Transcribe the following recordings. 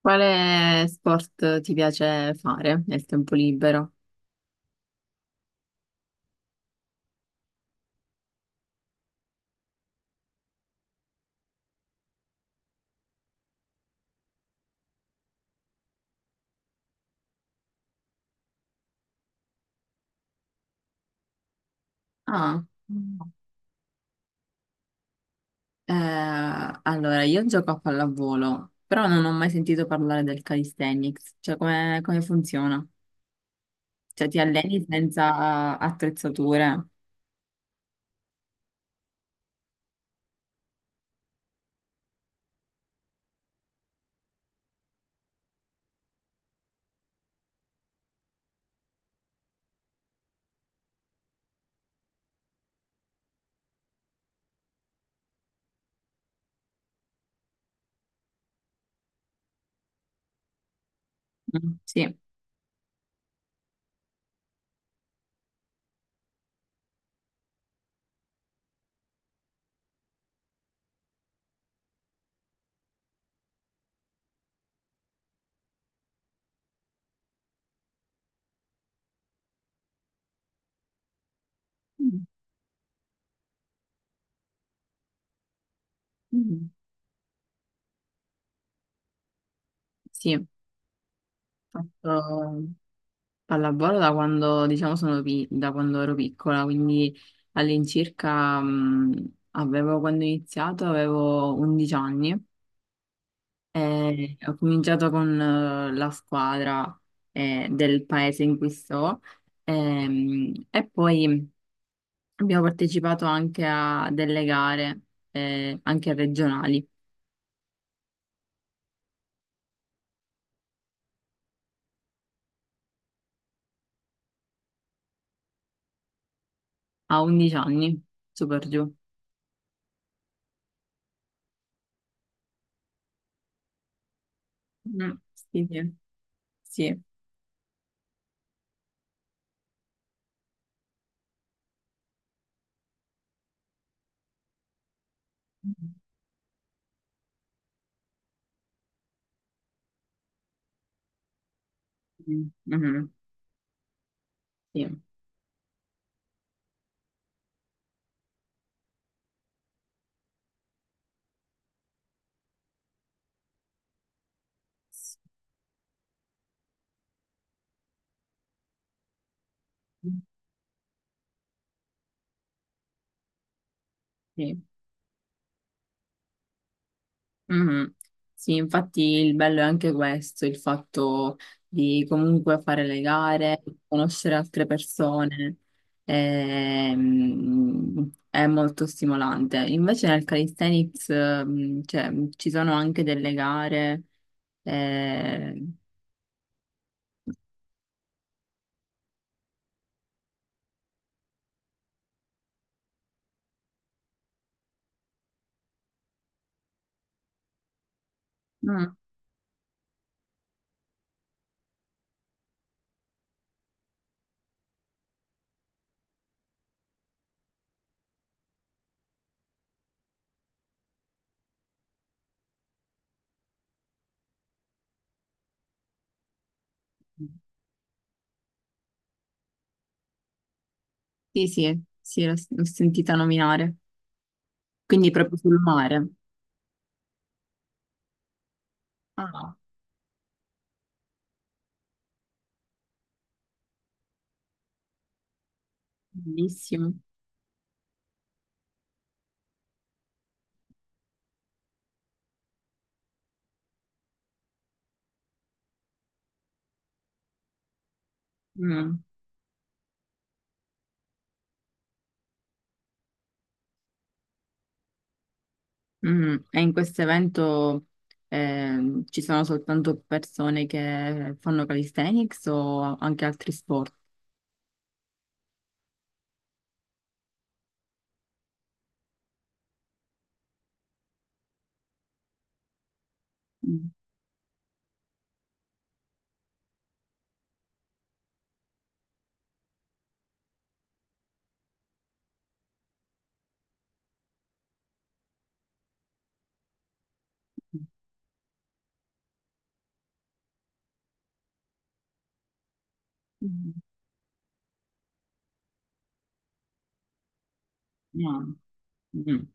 Quale sport ti piace fare nel tempo libero? Ah, eh, allora io gioco a pallavolo, però non ho mai sentito parlare del calisthenics, cioè come funziona? Cioè ti alleni senza attrezzature? Mm, sì. Mm. Mm. Sì, ho fatto pallavolo da quando, diciamo, da quando ero piccola, quindi all'incirca, quando ho iniziato avevo 11 anni. Ho cominciato con la squadra del paese in cui sto, e poi abbiamo partecipato anche a delle gare, anche regionali, a 11 anni, super giù. Mm, sì, sì, sì. Mm, mhm, sì, sì. Mhm. Sì, infatti il bello è anche questo, il fatto di comunque fare le gare, conoscere altre persone, è molto stimolante. Invece nel calisthenics, cioè, ci sono anche delle gare. eh, mm. Sì, sì, sì, l'ho sentita nominare. Quindi proprio sul mare. Ah, bellissimo. Mm. E in questo evento, ci sono soltanto persone che fanno calisthenics o anche altri sport? Mm. Mm. No. Mm.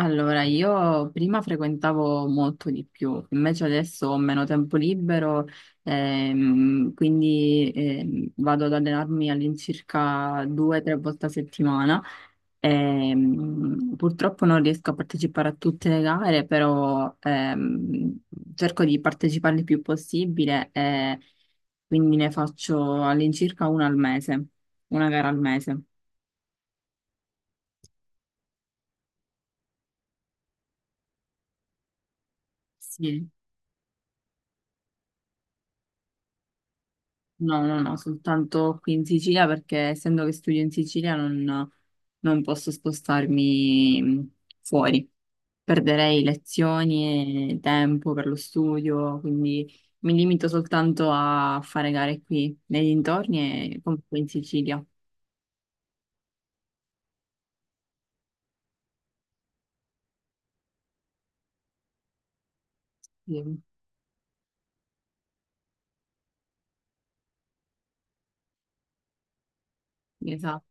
Allora, io prima frequentavo molto di più, invece adesso ho meno tempo libero, quindi vado ad allenarmi all'incirca due o tre volte a settimana. Purtroppo non riesco a partecipare a tutte le gare, però cerco di partecipare il più possibile e quindi ne faccio all'incirca una al mese, una gara al mese. Sì. No, no, no, soltanto qui in Sicilia perché essendo che studio in Sicilia non posso spostarmi fuori. Perderei lezioni e tempo per lo studio, quindi mi limito soltanto a fare gare qui nei dintorni e comunque in Sicilia. Sì, esatto.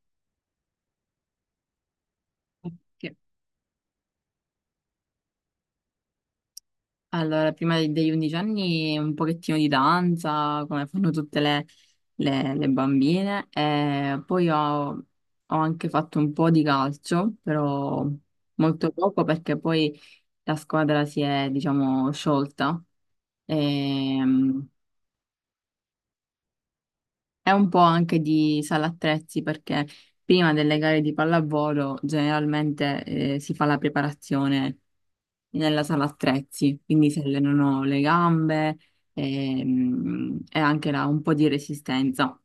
Allora, prima degli 11 anni un pochettino di danza, come fanno tutte le bambine. E poi ho anche fatto un po' di calcio, però molto poco perché poi la squadra si è, diciamo, sciolta. Ehm, è un po' anche di sala attrezzi perché prima delle gare di pallavolo generalmente si fa la preparazione nella sala attrezzi, quindi si allenano le gambe, e, anche là un po' di resistenza.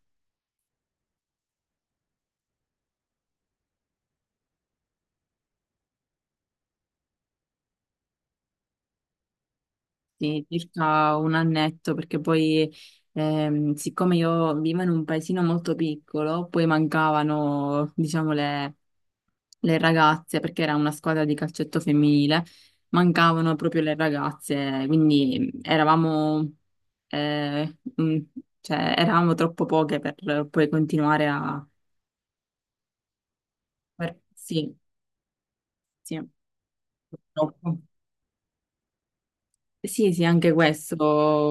Sì, circa un annetto, perché poi, siccome io vivo in un paesino molto piccolo, poi mancavano, diciamo, le ragazze, perché era una squadra di calcetto femminile, mancavano proprio le ragazze, quindi eravamo, eh, mm, cioè, eravamo troppo poche per poi continuare a... Sì, sì. Purtroppo. Sì, sì, anche questo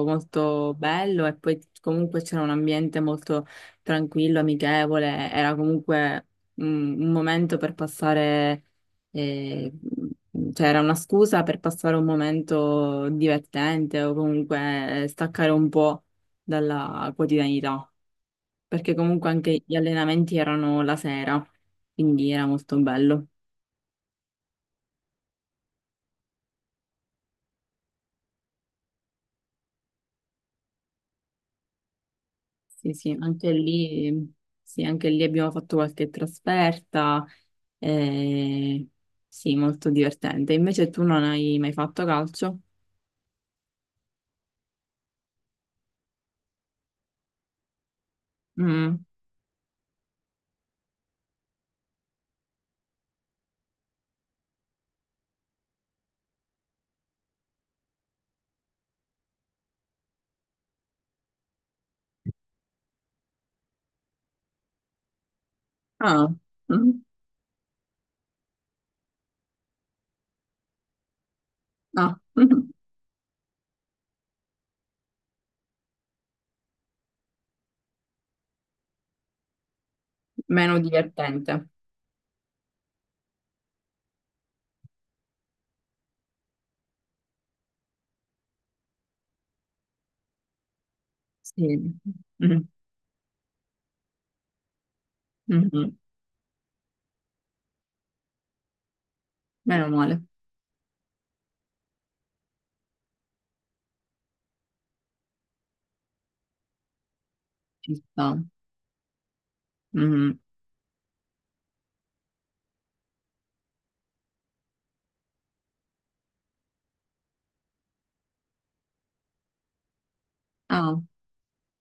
molto bello e poi comunque c'era un ambiente molto tranquillo, amichevole, era comunque un momento per passare, eh, cioè era una scusa per passare un momento divertente o comunque staccare un po' dalla quotidianità, perché comunque anche gli allenamenti erano la sera, quindi era molto bello. Sì, sì, anche lì abbiamo fatto qualche trasferta, eh, sì, molto divertente. Invece tu non hai mai fatto calcio? Mm. Ah, mm. Ah. Meno divertente. Sì, mm. Mhm. Meno male, ci sta. Mhm. Ah,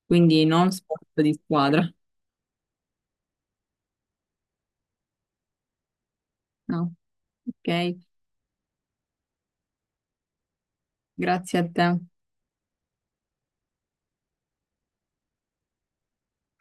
quindi non sport di squadra. No. Ok, grazie a te.